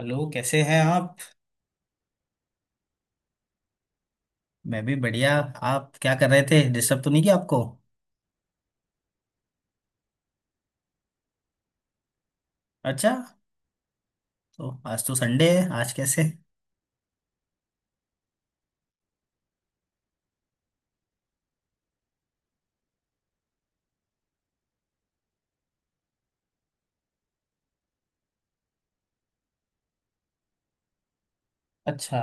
Hello, कैसे हैं आप। मैं भी बढ़िया। आप क्या कर रहे थे, डिस्टर्ब तो नहीं किया आपको। अच्छा, तो आज तो संडे है, आज कैसे। अच्छा।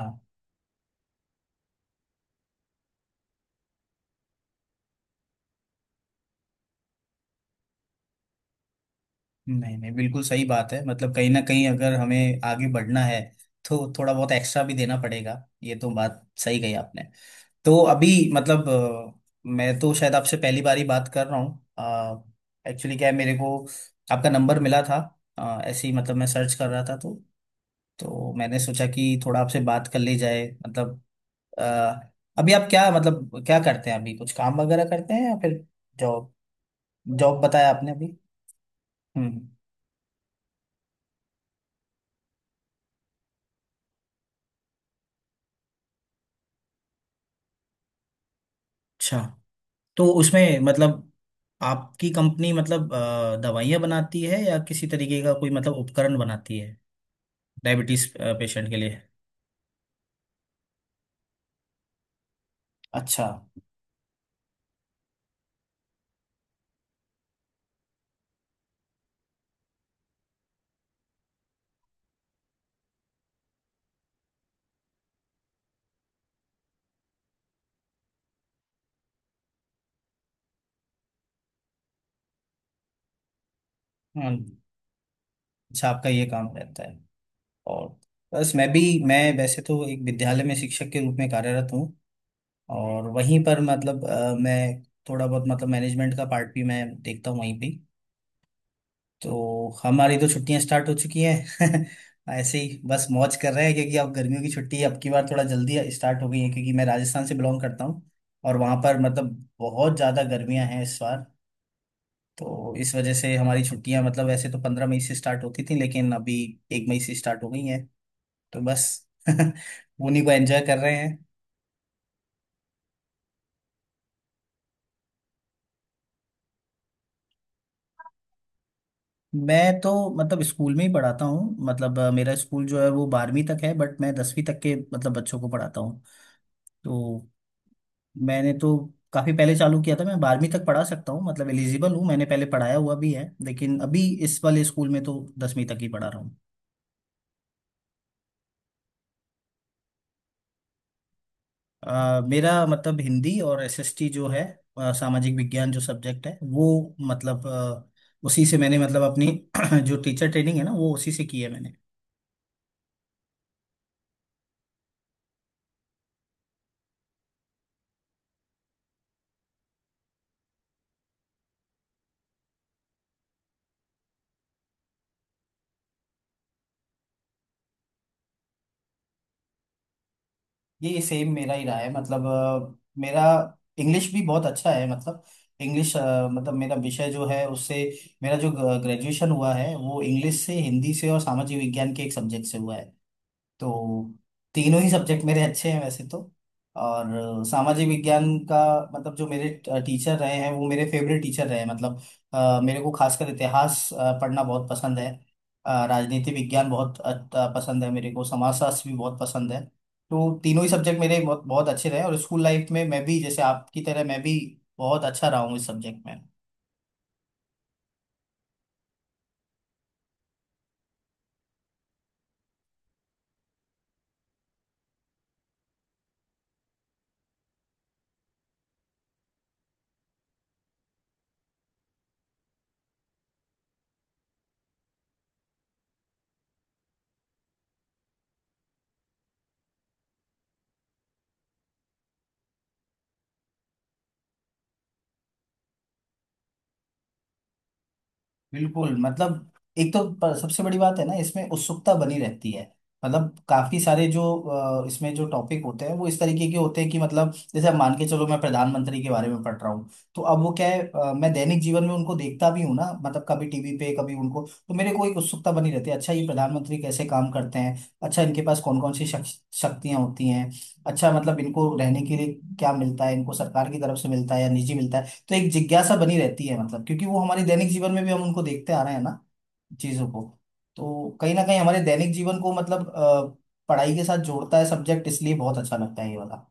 नहीं नहीं, बिल्कुल सही बात है, मतलब कहीं ना कहीं अगर हमें आगे बढ़ना है तो थोड़ा बहुत एक्स्ट्रा भी देना पड़ेगा। ये तो बात सही कही आपने। तो अभी, मतलब मैं तो शायद आपसे पहली बार ही बात कर रहा हूँ। एक्चुअली क्या है, मेरे को आपका नंबर मिला था। ऐसे ही मतलब मैं सर्च कर रहा था, तो मैंने सोचा कि थोड़ा आपसे बात कर ली जाए, मतलब। अ, अभी आप क्या, मतलब क्या करते हैं अभी, कुछ काम वगैरह करते हैं या फिर जॉब। जॉब बताया आपने अभी। हम्म। अच्छा। तो उसमें मतलब आपकी कंपनी मतलब दवाइयाँ बनाती है या किसी तरीके का कोई मतलब उपकरण बनाती है डायबिटीज पेशेंट के लिए। अच्छा। हम्म। अच्छा, आपका ये काम रहता है। और बस मैं भी। मैं वैसे तो एक विद्यालय में शिक्षक के रूप में कार्यरत हूँ। और वहीं पर मतलब मैं थोड़ा बहुत मतलब मैनेजमेंट का पार्ट भी मैं देखता हूँ वहीं पे। तो हमारी तो छुट्टियां स्टार्ट हो चुकी हैं ऐसे ही बस मौज कर रहे हैं, क्योंकि अब गर्मियों की छुट्टी अब की बार थोड़ा जल्दी स्टार्ट हो गई है, क्योंकि मैं राजस्थान से बिलोंग करता हूँ। और वहाँ पर मतलब बहुत ज़्यादा गर्मियाँ हैं इस बार। तो इस वजह से हमारी छुट्टियां, मतलब वैसे तो 15 मई से स्टार्ट होती थी, लेकिन अभी 1 मई से स्टार्ट हो गई हैं, तो बस उन्हीं को एंजॉय कर रहे हैं। मैं तो मतलब स्कूल में ही पढ़ाता हूँ, मतलब मेरा स्कूल जो है वो 12वीं तक है, बट मैं 10वीं तक के मतलब बच्चों को पढ़ाता हूँ, तो मैंने तो काफी पहले चालू किया था, मैं 12वीं तक पढ़ा सकता हूँ, मतलब एलिजिबल हूँ, मैंने पहले पढ़ाया हुआ भी है, लेकिन अभी इस वाले स्कूल में तो 10वीं तक ही पढ़ा रहा हूँ। मेरा मतलब हिंदी और एसएसटी जो है, सामाजिक विज्ञान जो सब्जेक्ट है वो मतलब उसी से मैंने मतलब अपनी जो टीचर ट्रेनिंग है ना वो उसी से की है मैंने। ये सेम मेरा ही रहा है, मतलब मेरा इंग्लिश भी बहुत अच्छा है, मतलब इंग्लिश, मतलब मेरा विषय जो है उससे मेरा जो ग्रेजुएशन हुआ है वो इंग्लिश से, हिंदी से और सामाजिक विज्ञान के एक सब्जेक्ट से हुआ है, तो तीनों ही सब्जेक्ट मेरे अच्छे हैं वैसे तो। और सामाजिक विज्ञान का मतलब जो मेरे टीचर रहे हैं वो मेरे फेवरेट टीचर रहे हैं, मतलब मेरे को खासकर इतिहास पढ़ना बहुत पसंद है। राजनीति विज्ञान बहुत पसंद है, मेरे को समाजशास्त्र भी बहुत पसंद है। तो तीनों ही सब्जेक्ट मेरे बहुत बहुत अच्छे रहे, और स्कूल लाइफ में मैं भी, जैसे आपकी तरह, मैं भी बहुत अच्छा रहा हूँ इस सब्जेक्ट में। बिल्कुल, मतलब एक तो, सबसे बड़ी बात है ना, इसमें उत्सुकता बनी रहती है। मतलब काफी सारे जो इसमें जो टॉपिक होते हैं वो इस तरीके के होते हैं कि मतलब जैसे, अब मान के चलो मैं प्रधानमंत्री के बारे में पढ़ रहा हूँ। तो अब वो क्या है, मैं दैनिक जीवन में उनको देखता भी हूँ ना, मतलब कभी टीवी पे, कभी उनको। तो मेरे को एक उत्सुकता बनी रहती है, अच्छा ये प्रधानमंत्री कैसे काम करते हैं। अच्छा, इनके पास कौन कौन सी शक्ति शक्तियां होती हैं। अच्छा, मतलब इनको रहने के लिए क्या मिलता है, इनको सरकार की तरफ से मिलता है या निजी मिलता है। तो एक जिज्ञासा बनी रहती है, मतलब क्योंकि वो हमारे दैनिक जीवन में भी हम उनको देखते आ रहे हैं ना, चीजों को। तो कहीं ना कहीं हमारे दैनिक जीवन को मतलब पढ़ाई के साथ जोड़ता है सब्जेक्ट, इसलिए बहुत अच्छा लगता है ये वाला।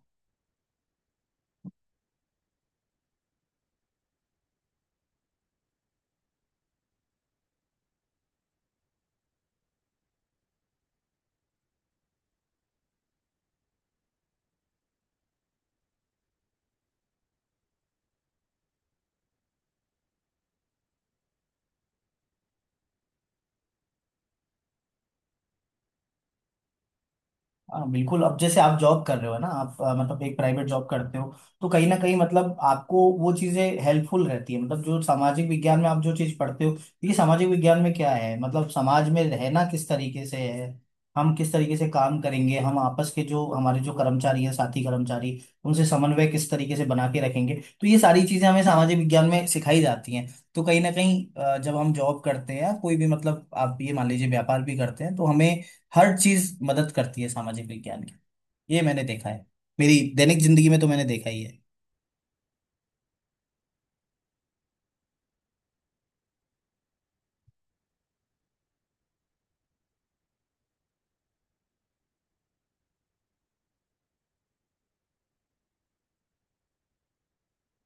हाँ बिल्कुल, अब जैसे आप जॉब कर रहे हो ना, आप मतलब एक प्राइवेट जॉब करते हो। तो कहीं ना कहीं, मतलब आपको वो चीज़ें हेल्पफुल रहती है, मतलब जो सामाजिक विज्ञान में आप जो चीज़ पढ़ते हो। ये सामाजिक विज्ञान में क्या है, मतलब समाज में रहना किस तरीके से है। हम किस तरीके से काम करेंगे, हम आपस के जो हमारे जो कर्मचारी हैं साथी कर्मचारी, उनसे समन्वय किस तरीके से बना के रखेंगे। तो ये सारी चीज़ें हमें सामाजिक विज्ञान में सिखाई जाती हैं। तो कहीं ना कहीं जब हम जॉब करते हैं या कोई भी, मतलब आप ये मान लीजिए व्यापार भी करते हैं, तो हमें हर चीज मदद करती है सामाजिक विज्ञान की। ये मैंने देखा है, मेरी दैनिक जिंदगी में तो मैंने देखा ही है।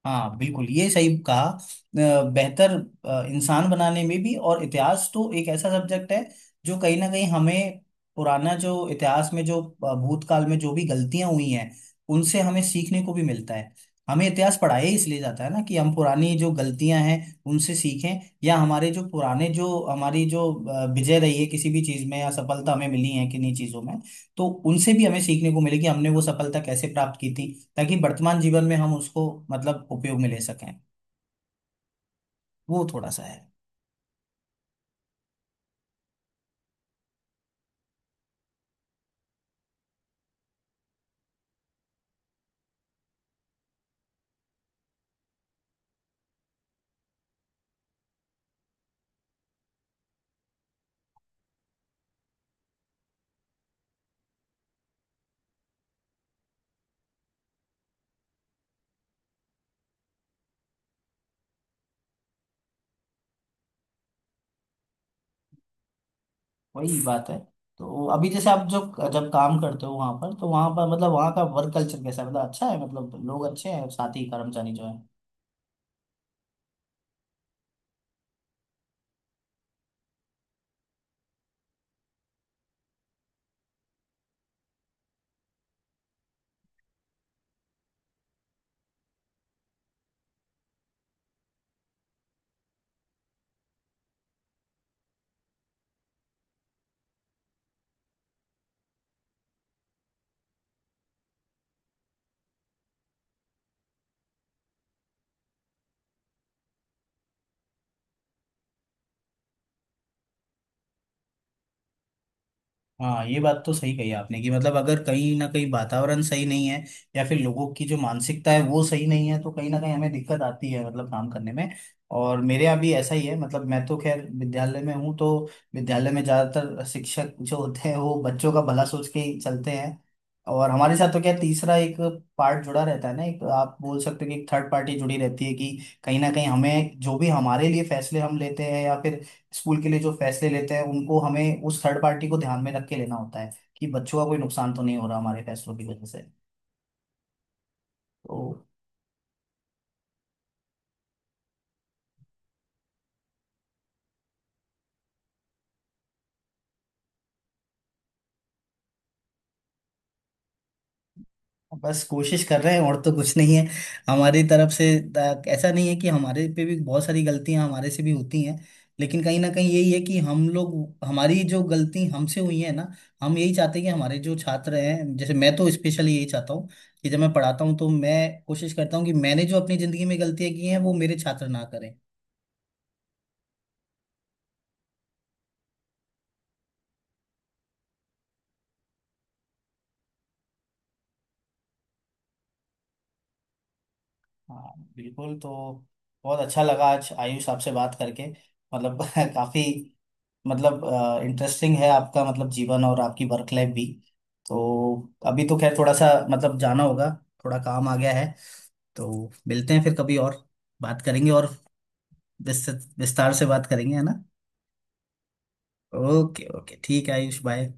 हाँ बिल्कुल, ये सही कहा, बेहतर इंसान बनाने में भी, और इतिहास तो एक ऐसा सब्जेक्ट है जो कहीं ना कहीं हमें पुराना, जो इतिहास में जो भूतकाल में जो भी गलतियां हुई हैं, उनसे हमें सीखने को भी मिलता है। हमें इतिहास पढ़ाया ही इसलिए जाता है ना, कि हम पुरानी जो गलतियां हैं उनसे सीखें, या हमारे जो पुराने जो हमारी जो विजय रही है किसी भी चीज में, या सफलता हमें मिली है किन्हीं चीजों में। तो उनसे भी हमें सीखने को मिलेगी, हमने वो सफलता कैसे प्राप्त की थी, ताकि वर्तमान जीवन में हम उसको मतलब उपयोग में ले सकें। वो थोड़ा सा है। वही बात है, तो अभी जैसे आप जो जब काम करते हो वहां पर, तो वहां पर मतलब वहां का वर्क कल्चर कैसा है, मतलब अच्छा है, मतलब लोग अच्छे हैं, साथी कर्मचारी जो है। हाँ, ये बात तो सही कही आपने, कि मतलब अगर कहीं ना कहीं वातावरण सही नहीं है, या फिर लोगों की जो मानसिकता है वो सही नहीं है, तो कहीं ना कहीं हमें दिक्कत आती है, मतलब काम करने में। और मेरे यहाँ भी ऐसा ही है, मतलब मैं तो खैर विद्यालय में हूँ, तो विद्यालय में ज़्यादातर शिक्षक जो होते हैं वो बच्चों का भला सोच के ही चलते हैं। और हमारे साथ तो क्या, तीसरा एक पार्ट जुड़ा रहता है ना, एक आप बोल सकते हो कि एक थर्ड पार्टी जुड़ी रहती है, कि कहीं ना कहीं हमें जो भी हमारे लिए फैसले हम लेते हैं, या फिर स्कूल के लिए जो फैसले लेते हैं, उनको हमें उस थर्ड पार्टी को ध्यान में रख के लेना होता है, कि बच्चों का कोई नुकसान तो नहीं हो रहा हमारे फैसलों की वजह से। तो बस कोशिश कर रहे हैं, और तो कुछ नहीं है हमारी तरफ से। ऐसा नहीं है कि हमारे पे भी बहुत सारी गलतियां, हमारे से भी होती हैं। लेकिन कहीं ना कहीं यही है, कि हम लोग, हमारी जो गलती हमसे हुई है ना, हम यही चाहते हैं कि हमारे जो छात्र हैं, जैसे मैं तो स्पेशली यही चाहता हूँ, कि जब मैं पढ़ाता हूँ तो मैं कोशिश करता हूँ कि मैंने जो अपनी ज़िंदगी में गलतियाँ की हैं वो मेरे छात्र ना करें। हाँ बिल्कुल, तो बहुत अच्छा लगा आज आयुष आपसे बात करके, मतलब काफी, मतलब इंटरेस्टिंग है आपका मतलब जीवन और आपकी वर्क लाइफ भी, तो अभी तो खैर थोड़ा सा मतलब जाना होगा, थोड़ा काम आ गया है, तो मिलते हैं फिर कभी और बात करेंगे, और विस्तृत विस्तार से बात करेंगे, है ना। ओके ओके, ठीक है आयुष, बाय।